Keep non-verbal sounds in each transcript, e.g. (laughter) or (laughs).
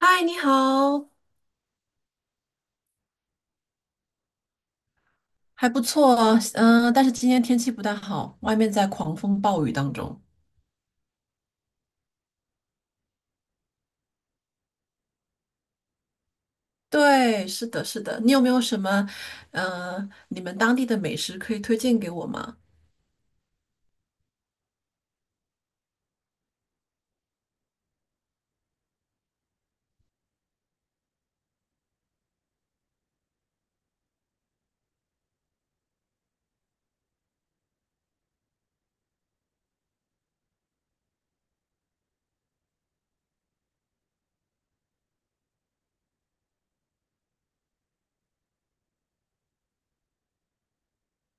嗨，你好。还不错。但是今天天气不太好，外面在狂风暴雨当中。对，是的，是的。你有没有什么，你们当地的美食可以推荐给我吗？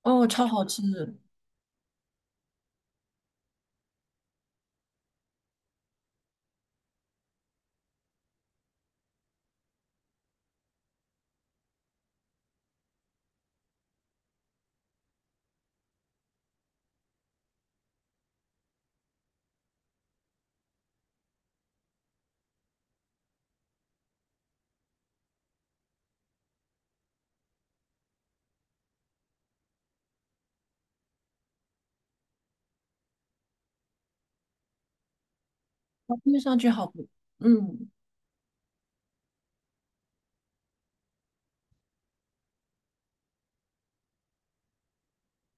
哦，超好吃。哦听上去好不。嗯，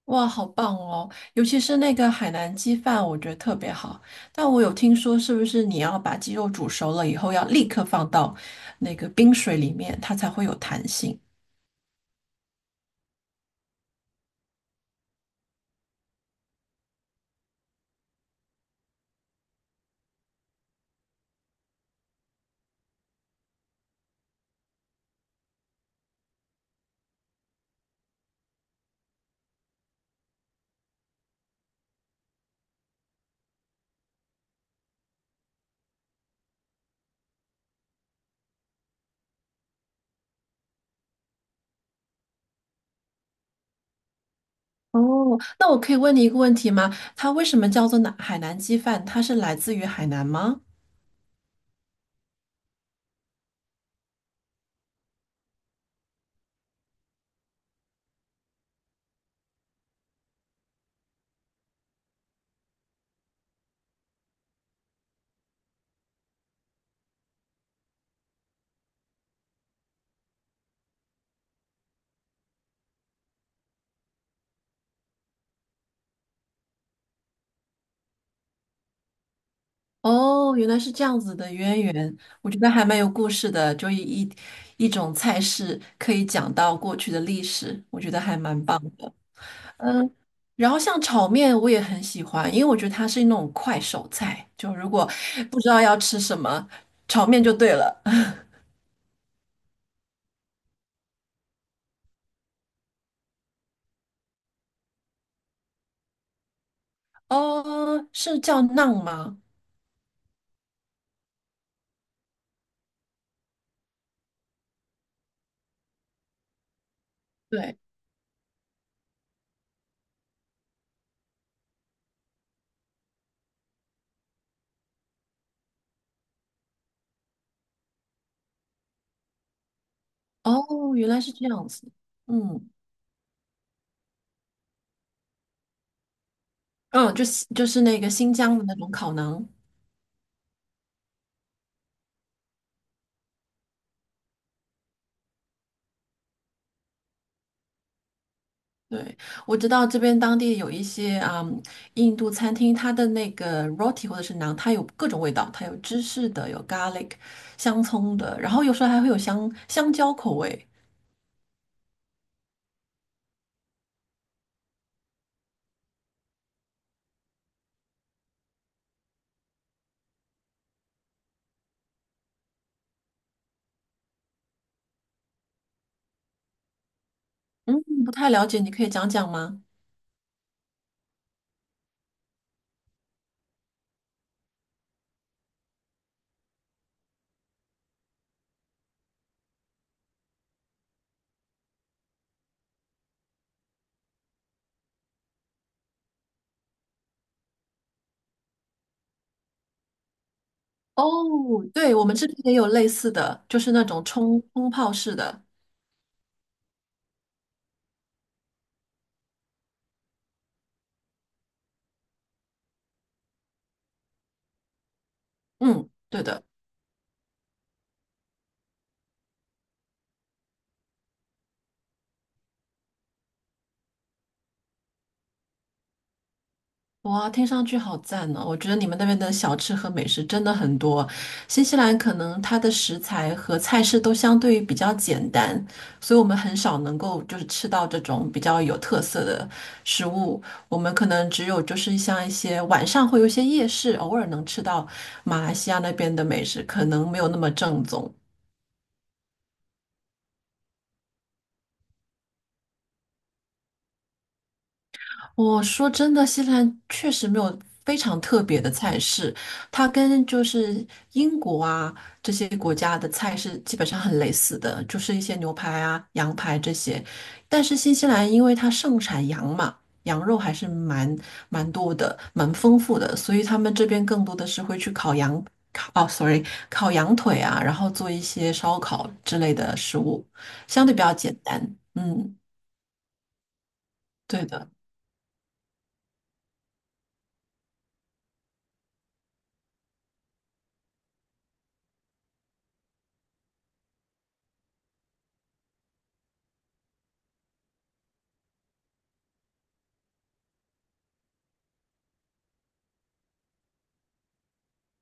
哇，好棒哦，尤其是那个海南鸡饭，我觉得特别好。但我有听说，是不是你要把鸡肉煮熟了以后，要立刻放到那个冰水里面，它才会有弹性？哦，那我可以问你一个问题吗？它为什么叫做南海南鸡饭？它是来自于海南吗？哦，原来是这样子的渊源，我觉得还蛮有故事的，就一种菜式可以讲到过去的历史，我觉得还蛮棒的。嗯，然后像炒面我也很喜欢，因为我觉得它是那种快手菜，就如果不知道要吃什么，炒面就对了。(laughs) 哦，是叫馕吗？对。哦，原来是这样子。嗯。嗯，就是那个新疆的那种烤馕。对，我知道这边当地有一些啊、嗯印度餐厅，它的那个 roti 或者是馕，它有各种味道，它有芝士的，有 garlic 香葱的，然后有时候还会有香蕉口味。嗯，不太了解，你可以讲讲吗？哦，对，我们这边也有类似的，就是那种冲泡式的。嗯，对的。哇，听上去好赞哦！我觉得你们那边的小吃和美食真的很多。新西兰可能它的食材和菜式都相对于比较简单，所以我们很少能够就是吃到这种比较有特色的食物。我们可能只有就是像一些晚上会有一些夜市，偶尔能吃到马来西亚那边的美食，可能没有那么正宗。我说真的，新西兰确实没有非常特别的菜式，它跟就是英国啊这些国家的菜是基本上很类似的，就是一些牛排啊、羊排这些。但是新西兰因为它盛产羊嘛，羊肉还是蛮多的，蛮丰富的，所以他们这边更多的是会去烤羊，烤，哦，sorry,烤羊腿啊，然后做一些烧烤之类的食物，相对比较简单。嗯，对的。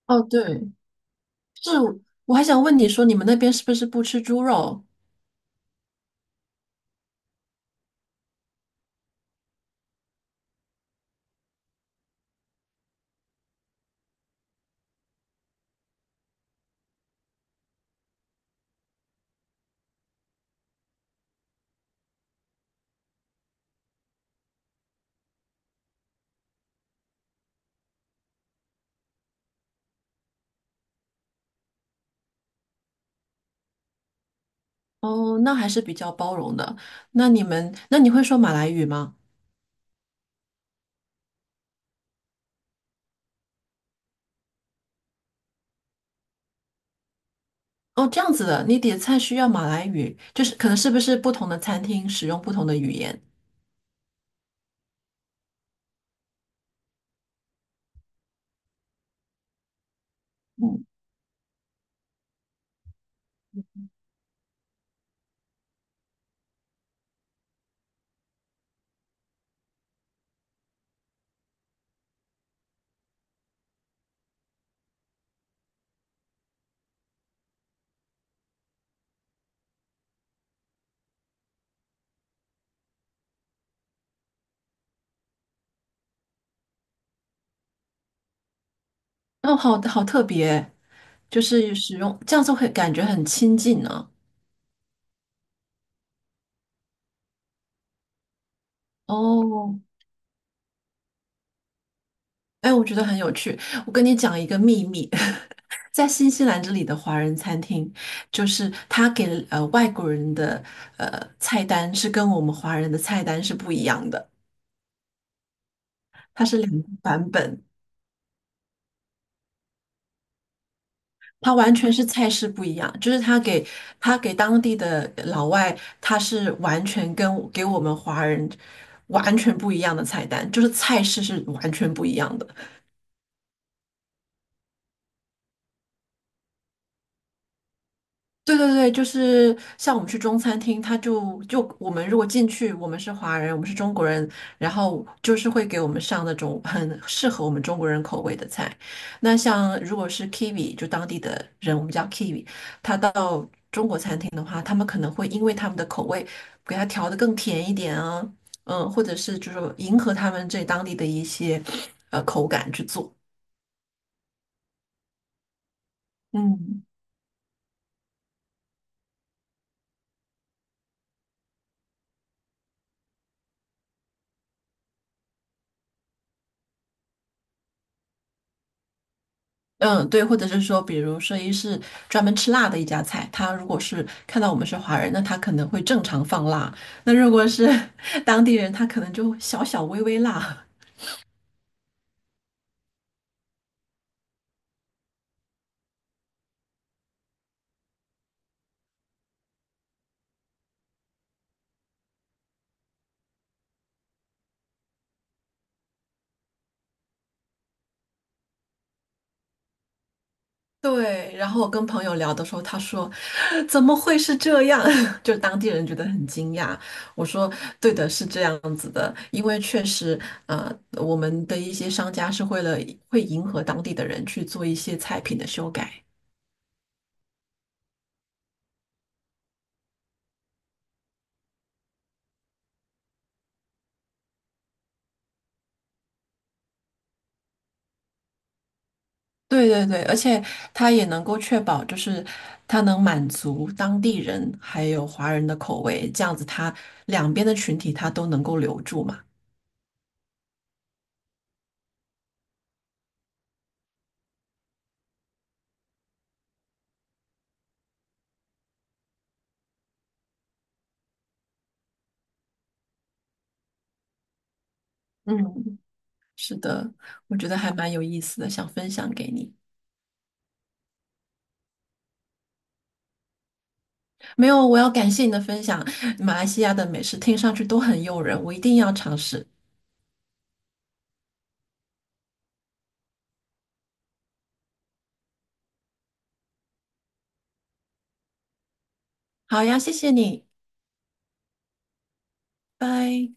哦，对。是，我还想问你说，你们那边是不是不吃猪肉？哦，那还是比较包容的。那你们，那你会说马来语吗？哦，这样子的，你点菜需要马来语，就是可能是不是不同的餐厅使用不同的语言？嗯，哦，好好特别，就是使用这样子会感觉很亲近呢。哦，哎，我觉得很有趣。我跟你讲一个秘密，(laughs) 在新西兰这里的华人餐厅，就是他给外国人的菜单是跟我们华人的菜单是不一样的，它是两个版本，它完全是菜式不一样。就是他给当地的老外，他是完全跟给我们华人完全不一样的菜单，就是菜式是完全不一样的。对对对，就是像我们去中餐厅，他就就我们如果进去，我们是华人，我们是中国人，然后就是会给我们上那种很适合我们中国人口味的菜。那像如果是 Kiwi,就当地的人，我们叫 Kiwi,他到中国餐厅的话，他们可能会因为他们的口味，给他调的更甜一点啊，嗯，或者是就是迎合他们这当地的一些口感去做。嗯。嗯，对，或者是说，比如说，一是专门吃辣的一家菜，他如果是看到我们是华人，那他可能会正常放辣；那如果是 (laughs) 当地人，他可能就微微辣。对，然后我跟朋友聊的时候，他说怎么会是这样？(laughs) 就当地人觉得很惊讶。我说对的，是这样子的，因为确实，我们的一些商家是为了会迎合当地的人去做一些菜品的修改。对对对，而且它也能够确保，就是它能满足当地人还有华人的口味，这样子它两边的群体它都能够留住嘛。嗯，是的，我觉得还蛮有意思的，想分享给你。没有，我要感谢你的分享，马来西亚的美食听上去都很诱人，我一定要尝试。好呀，谢谢你，拜。